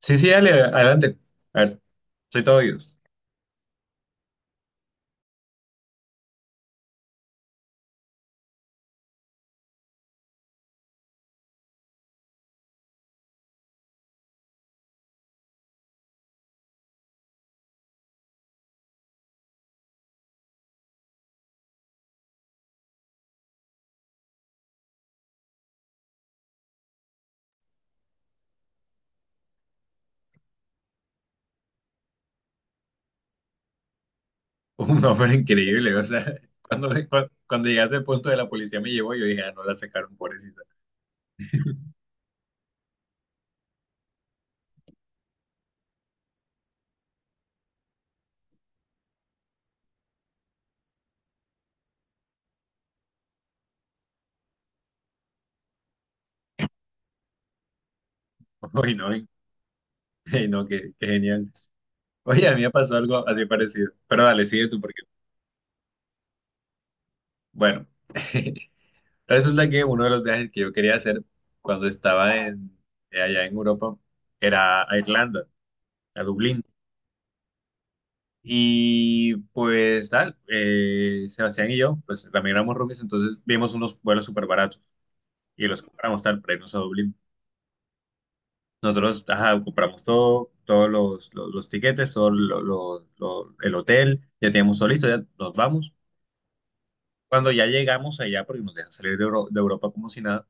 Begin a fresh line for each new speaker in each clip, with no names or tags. Sí, sí, dale, adelante. A ver, soy todo Dios. Un hombre increíble, o sea, cuando llegaste al punto de la policía me llevó, yo dije, ah, no la sacaron, pobrecita. Uy, no, qué, qué genial. Oye, a mí me pasó algo así parecido, pero dale, sigue tú, porque bueno, resulta que uno de los viajes que yo quería hacer cuando estaba en, allá en Europa, era a Irlanda, a Dublín. Y pues tal, Sebastián y yo, pues también éramos roomies, entonces vimos unos vuelos súper baratos y los compramos tal para irnos a Dublín. Nosotros, ajá, compramos todo, todos los tiquetes, todo el hotel, ya teníamos todo listo, ya nos vamos. Cuando ya llegamos allá, porque nos dejan salir de, Euro- de Europa como si nada,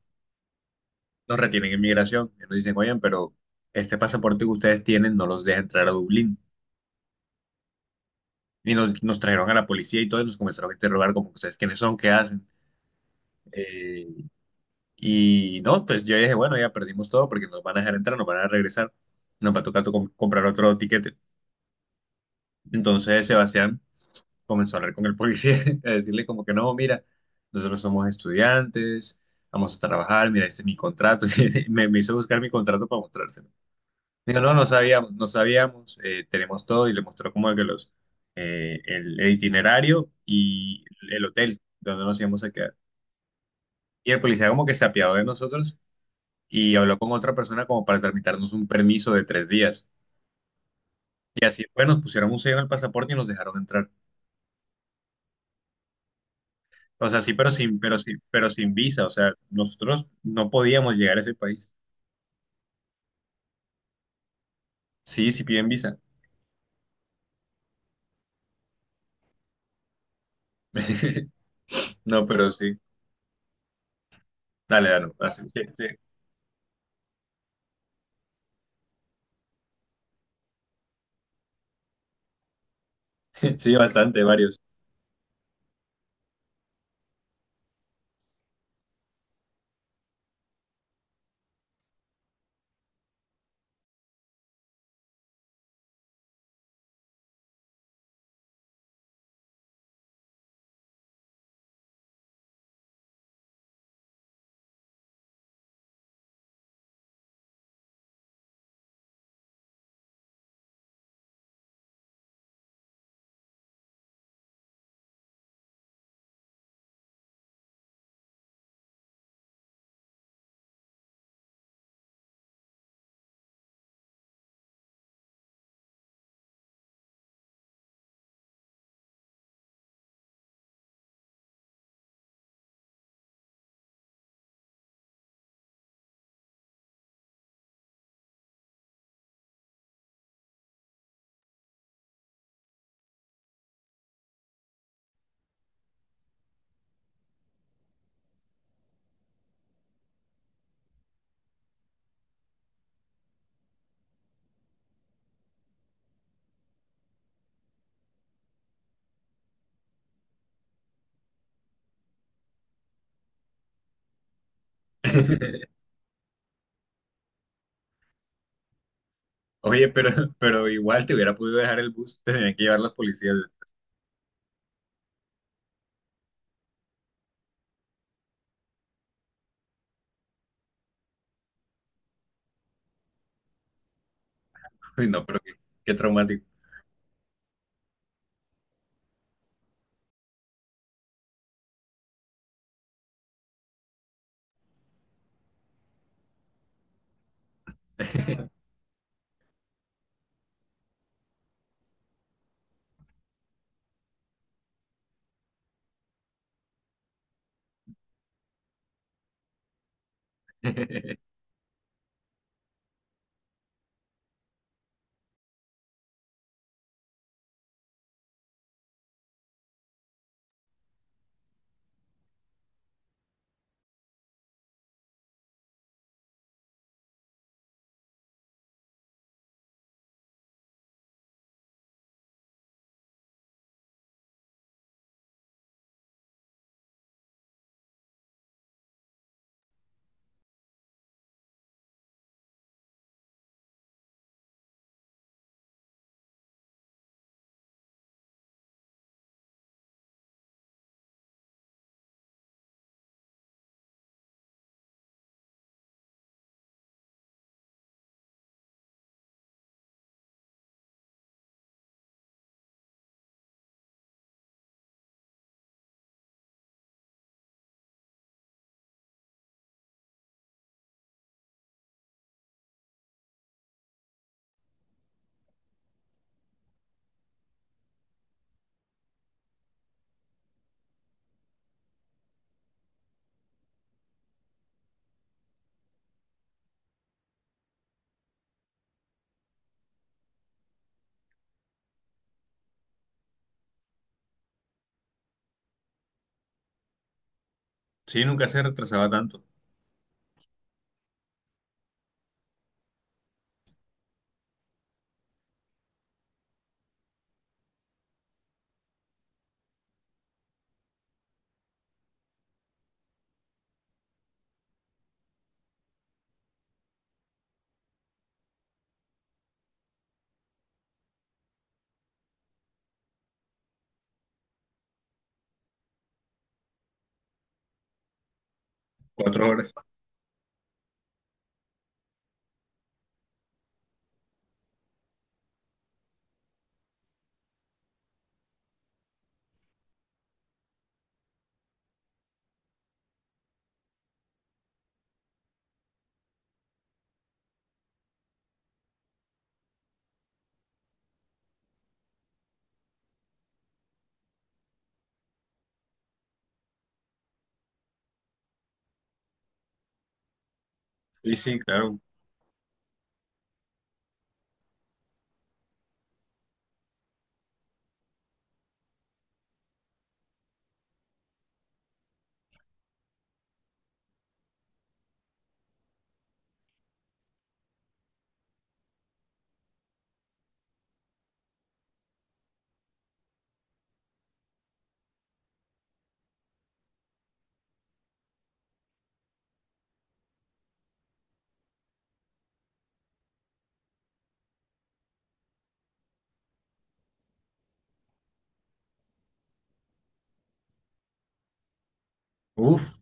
nos retienen en migración y nos dicen, oigan, pero este pasaporte que ustedes tienen no los deja entrar a Dublín. Y nos trajeron a la policía y todos nos comenzaron a interrogar como ustedes quiénes son, qué hacen. Eh, y no, pues yo dije, bueno, ya perdimos todo porque nos van a dejar entrar, nos van a regresar, nos va a tocar comprar otro tiquete. Entonces Sebastián comenzó a hablar con el policía, a decirle como que no, mira, nosotros somos estudiantes, vamos a trabajar, mira, este es mi contrato. Y me hizo buscar mi contrato para mostrárselo. Dijo, no, no sabíamos, no sabíamos, tenemos todo, y le mostró como que los, el itinerario y el hotel donde nos íbamos a quedar. Y el policía como que se apiadó de nosotros y habló con otra persona como para tramitarnos un permiso de 3 días. Y así, pues, nos pusieron un sello en el pasaporte y nos dejaron entrar. O sea, sí, pero sin, pero sí, pero sin visa. O sea, nosotros no podíamos llegar a ese país. Sí, sí piden visa. No, pero sí. Dale, dale. Así, sí, sí, sí, bastante, varios. Oye, pero igual te hubiera podido dejar el bus. Te tenían que llevar los policías. Uy, no, pero qué, qué traumático. Sí, nunca se retrasaba tanto. 4 horas. Sí, sí, claro. Uf.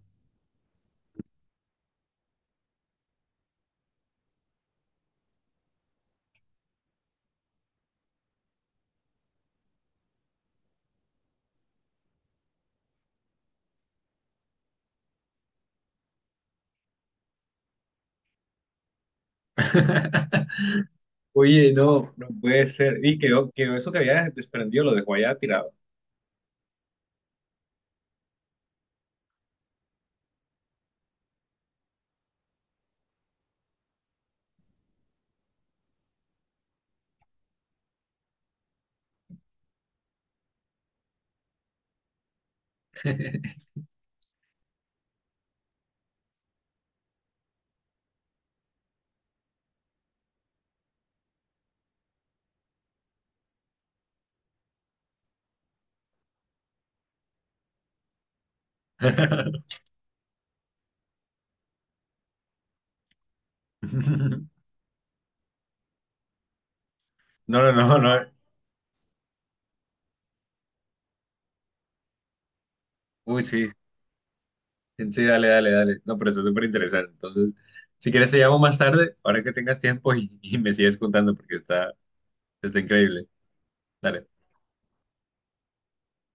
Oye, no, no puede ser. Y quedó, quedó eso que había desprendido, lo dejó allá tirado. No, no, no, no. Uy, sí, sí, dale, dale, dale. No, pero eso es súper interesante. Entonces, si quieres te llamo más tarde, ahora que tengas tiempo, y me sigues contando porque está, está increíble. Dale.